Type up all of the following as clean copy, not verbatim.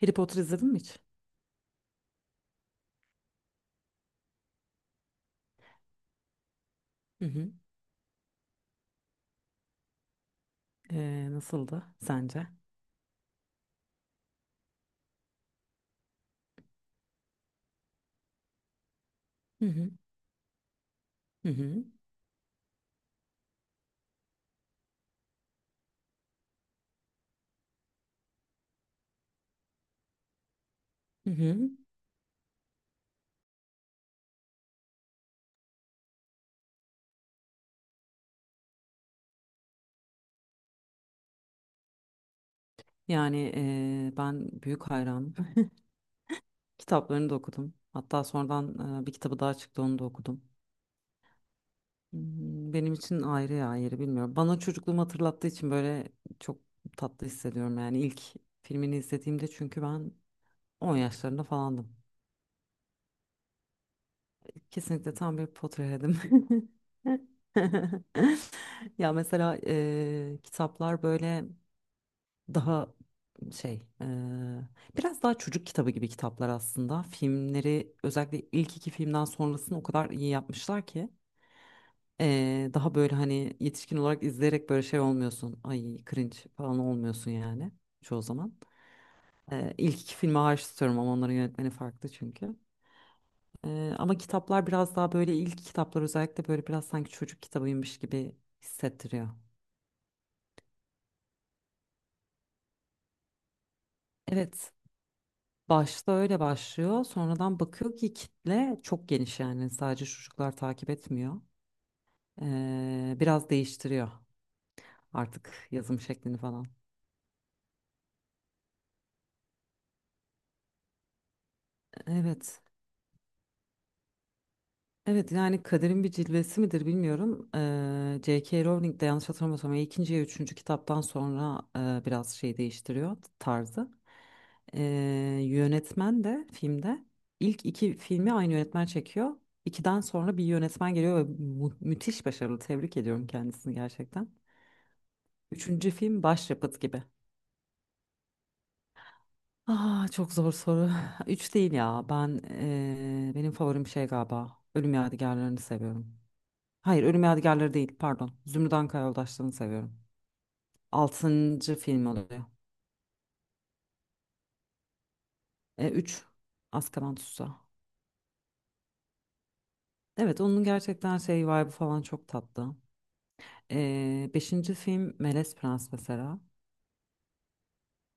Harry Potter izledin mi hiç? Hı hı. Nasıldı sence? Hı hı. Hı hı. Hı hı. Yani ben büyük hayranım. Kitaplarını da okudum. Hatta sonradan bir kitabı daha çıktı onu da okudum. Hmm, benim için ayrı ya yeri bilmiyorum. Bana çocukluğumu hatırlattığı için böyle çok tatlı hissediyorum. Yani ilk filmini izlediğimde çünkü ben on yaşlarında falandım. Kesinlikle tam bir Potterhead'im. Ya mesela kitaplar böyle daha şey eee, biraz daha çocuk kitabı gibi kitaplar aslında. Filmleri özellikle ilk iki filmden sonrasını o kadar iyi yapmışlar ki daha böyle hani yetişkin olarak izleyerek böyle şey olmuyorsun. Ay cringe falan olmuyorsun yani çoğu zaman. İlk iki filmi hariç tutuyorum ama onların yönetmeni farklı çünkü. Ama kitaplar biraz daha böyle ilk kitaplar özellikle böyle biraz sanki çocuk kitabıymış gibi hissettiriyor. Evet. Başta öyle başlıyor. Sonradan bakıyor ki kitle çok geniş yani sadece çocuklar takip etmiyor. Biraz değiştiriyor artık yazım şeklini falan. Evet. Evet yani kaderin bir cilvesi midir bilmiyorum. J.K. Rowling de yanlış hatırlamıyorsam ya ikinci ya üçüncü kitaptan sonra biraz şey değiştiriyor tarzı. Eee, Yönetmen de filmde ilk iki filmi aynı yönetmen çekiyor. İkiden sonra bir yönetmen geliyor ve müthiş başarılı. Tebrik ediyorum kendisini gerçekten. Üçüncü film başyapıt gibi. Ah çok zor soru. Üç değil ya. Ben benim favorim şey galiba. Ölüm Yadigarlarını seviyorum. Hayır, Ölüm Yadigarları değil, pardon. Zümrüt Anka Yoldaşları'nı seviyorum. Altıncı film oluyor. E, üç, Azkaban Tutsağı. Evet, onun gerçekten şey vibe'ı falan çok tatlı. Beşinci film Melez Prens mesela.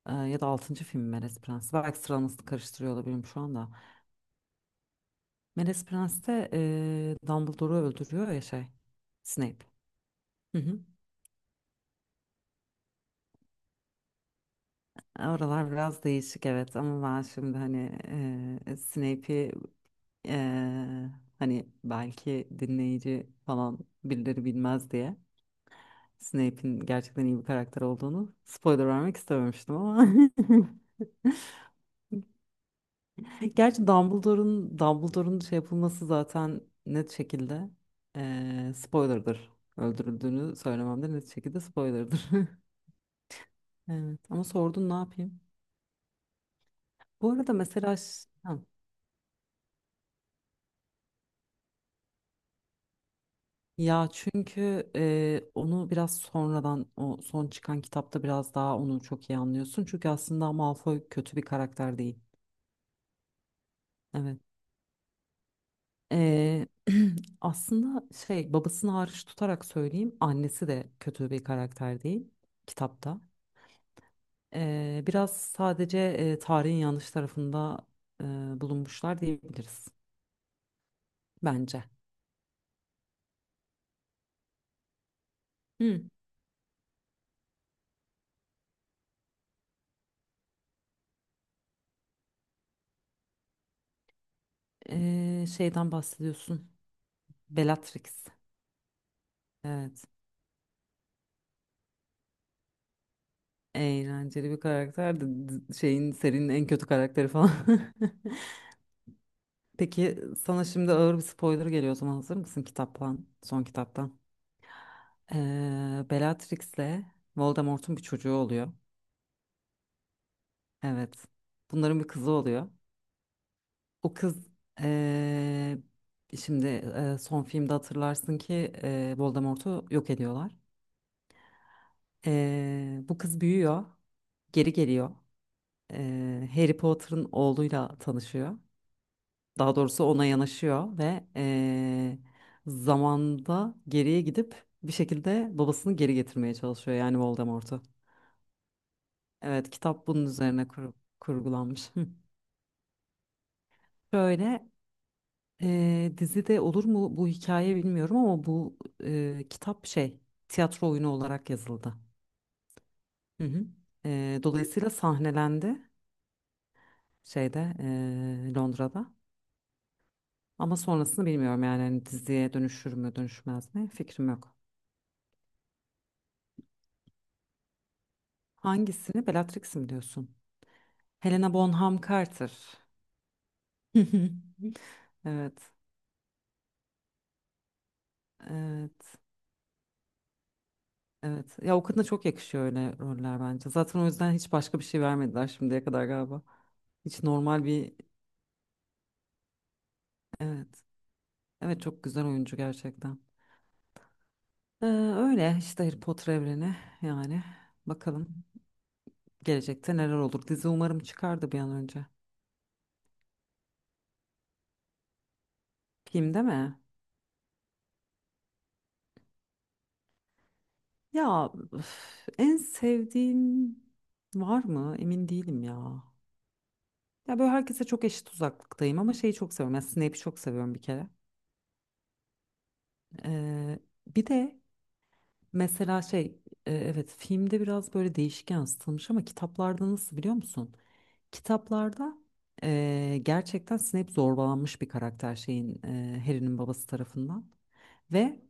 Ya da altıncı film Melez Prens. Belki sıralamasını karıştırıyor olabilirim şu anda. Melez Prens'te Dumbledore'u öldürüyor ya şey, Snape. Hı hı. Oralar biraz değişik evet ama ben şimdi hani Snape'i Eee, hani belki dinleyici falan birileri bilmez diye Snape'in gerçekten iyi bir karakter olduğunu spoiler vermek istememiştim ama gerçi Dumbledore'un şey yapılması zaten net şekilde spoiler'dır. Öldürüldüğünü söylemem de net şekilde spoiler'dır. Evet ama sordun ne yapayım? Bu arada mesela ha, ya çünkü onu biraz sonradan o son çıkan kitapta biraz daha onu çok iyi anlıyorsun. Çünkü aslında Malfoy kötü bir karakter değil. Evet. Eee, aslında şey babasını hariç tutarak söyleyeyim annesi de kötü bir karakter değil kitapta. Biraz sadece tarihin yanlış tarafında eee, bulunmuşlar diyebiliriz bence. Hı. Şeyden bahsediyorsun. Bellatrix. Evet. Eğlenceli bir karakter de şeyin serinin en kötü karakteri falan. Peki sana şimdi ağır bir spoiler geliyor o zaman hazır mısın kitaptan, son kitaptan? Bellatrix'le Voldemort'un bir çocuğu oluyor. Evet. Bunların bir kızı oluyor. O kız ee, şimdi son filmde hatırlarsın ki Voldemort'u yok ediyorlar. Bu kız büyüyor, geri geliyor. Harry Potter'ın oğluyla tanışıyor. Daha doğrusu ona yanaşıyor ve zamanda geriye gidip bir şekilde babasını geri getirmeye çalışıyor yani Voldemort'u. Evet kitap bunun üzerine kurgulanmış. Hı. Şöyle dizide olur mu bu hikaye bilmiyorum ama bu kitap şey tiyatro oyunu olarak yazıldı. Hı hı. Dolayısıyla sahnelendi şeyde Londra'da. Ama sonrasını bilmiyorum yani hani diziye dönüşür mü dönüşmez mi fikrim yok. Hangisini Bellatrix mi diyorsun? Helena Bonham Carter. Evet, evet, evet. Ya o kadına çok yakışıyor öyle roller bence. Zaten o yüzden hiç başka bir şey vermediler şimdiye kadar galiba. Hiç normal bir, evet. Evet çok güzel oyuncu gerçekten. Ee, Öyle işte Harry Potter evreni yani. Bakalım gelecekte neler olur. Dizi umarım çıkar da bir an önce. Filmde mi? Ya üf, en sevdiğim var mı? Emin değilim ya. Ya böyle herkese çok eşit uzaklıktayım ama şeyi çok seviyorum. Yani Snape'i çok seviyorum bir kere. Ee, Bir de mesela evet filmde biraz böyle değişik yansıtılmış ama kitaplarda nasıl biliyor musun? Kitaplarda gerçekten Snape zorbalanmış bir karakter şeyin Harry'nin babası tarafından. Ve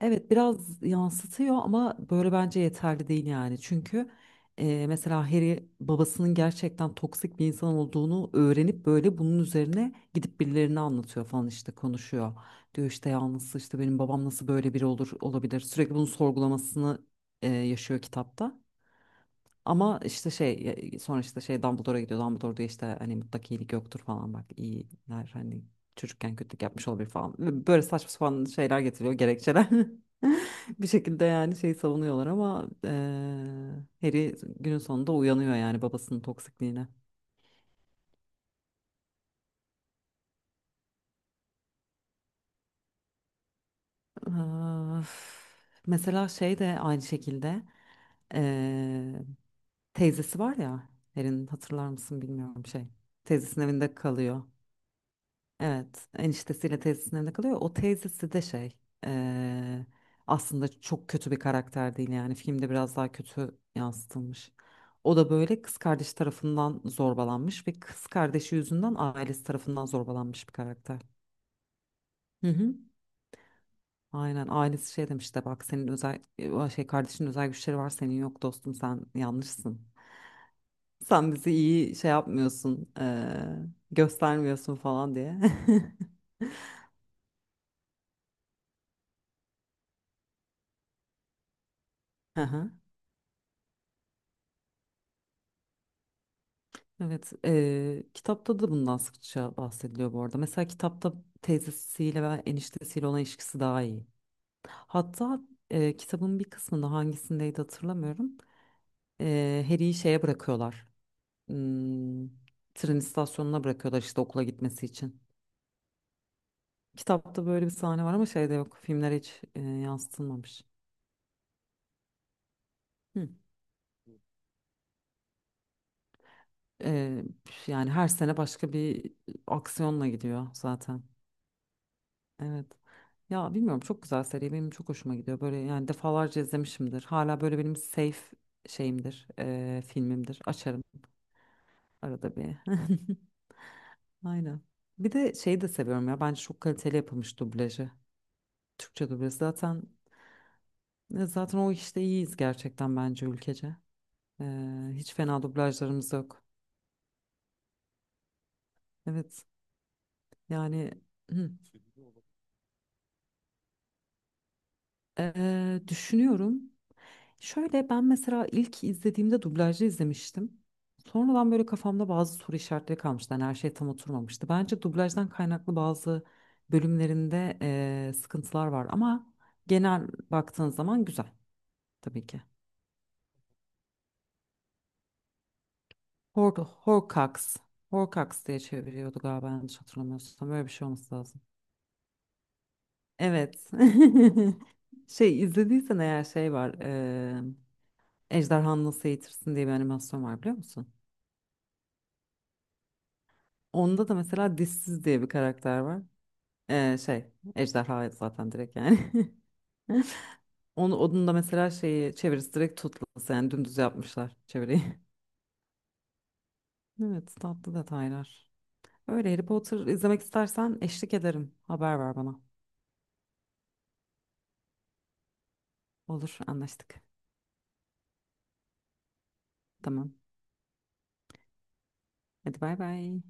Evet biraz yansıtıyor ama böyle bence yeterli değil yani. Çünkü mesela Harry babasının gerçekten toksik bir insan olduğunu öğrenip böyle bunun üzerine gidip birilerine anlatıyor falan işte konuşuyor. Diyor işte yalnız işte benim babam nasıl böyle biri olur olabilir. Sürekli bunun sorgulamasını yaşıyor kitapta. Ama işte şey sonra işte şey Dumbledore'a gidiyor. Dumbledore diyor işte hani mutlak iyilik yoktur falan bak iyiler hani çocukken kötülük yapmış olabilir falan. Böyle saçma sapan şeyler getiriyor gerekçeler. Bir şekilde yani şeyi savunuyorlar ama Harry günün sonunda uyanıyor yani babasının toksikliğine. Öf. Mesela şey de aynı şekilde eee, teyzesi var ya Harry'nin hatırlar mısın bilmiyorum şey teyzesinin evinde kalıyor. Evet, eniştesiyle teyzesinin evinde kalıyor. O teyzesi de şey, eee, aslında çok kötü bir karakter değil yani. Filmde biraz daha kötü yansıtılmış. O da böyle kız kardeşi tarafından zorbalanmış ve kız kardeşi yüzünden ailesi tarafından zorbalanmış bir karakter. Hı hı. Aynen ailesi şey demiş de bak senin özel şey kardeşin özel güçleri var senin yok dostum sen yanlışsın. Sen bizi iyi şey yapmıyorsun, göstermiyorsun falan diye. Hı hı. Evet, kitapta da bundan sıkça bahsediliyor bu arada. Mesela kitapta teyzesiyle ve eniştesiyle olan ilişkisi daha iyi. Hatta kitabın bir kısmında hangisindeydi hatırlamıyorum. Harry'i şeye bırakıyorlar. Hmm, tren istasyonuna bırakıyorlar işte okula gitmesi için. Kitapta böyle bir sahne var ama şeyde yok. Filmlere hiç yansıtılmamış. Hı. Eee, Yani her sene başka bir aksiyonla gidiyor zaten. Evet. Ya bilmiyorum çok güzel seri benim çok hoşuma gidiyor. Böyle yani defalarca izlemişimdir. Hala böyle benim safe filmimdir. Açarım arada bir. Aynen. Bir de şeyi de seviyorum ya. Bence çok kaliteli yapılmış dublajı. Türkçe dublajı zaten zaten o işte iyiyiz gerçekten bence ülkece. Hiç fena dublajlarımız yok. Evet. Yani hı. Düşünüyorum. Şöyle ben mesela ilk izlediğimde dublajlı izlemiştim. Sonradan böyle kafamda bazı soru işaretleri kalmıştı. Yani her şey tam oturmamıştı. Bence dublajdan kaynaklı bazı bölümlerinde sıkıntılar var ama genel baktığın zaman güzel tabii ki. Hor Horcax. Horcax diye çeviriyordu galiba yanlış hatırlamıyorsam. Böyle bir şey olması lazım. Evet. Şey izlediysen eğer şey var. Ejderhanı Nasıl Eğitirsin diye bir animasyon var biliyor musun? Onda da mesela dişsiz diye bir karakter var. Ee, şey ejderha zaten direkt yani. Onun da mesela şeyi çevirisi direkt tutulası yani dümdüz yapmışlar çeviriyi. Evet tatlı detaylar. Öyle Harry Potter izlemek istersen eşlik ederim. Haber ver bana. Olur anlaştık. Tamam. Hadi bay bay.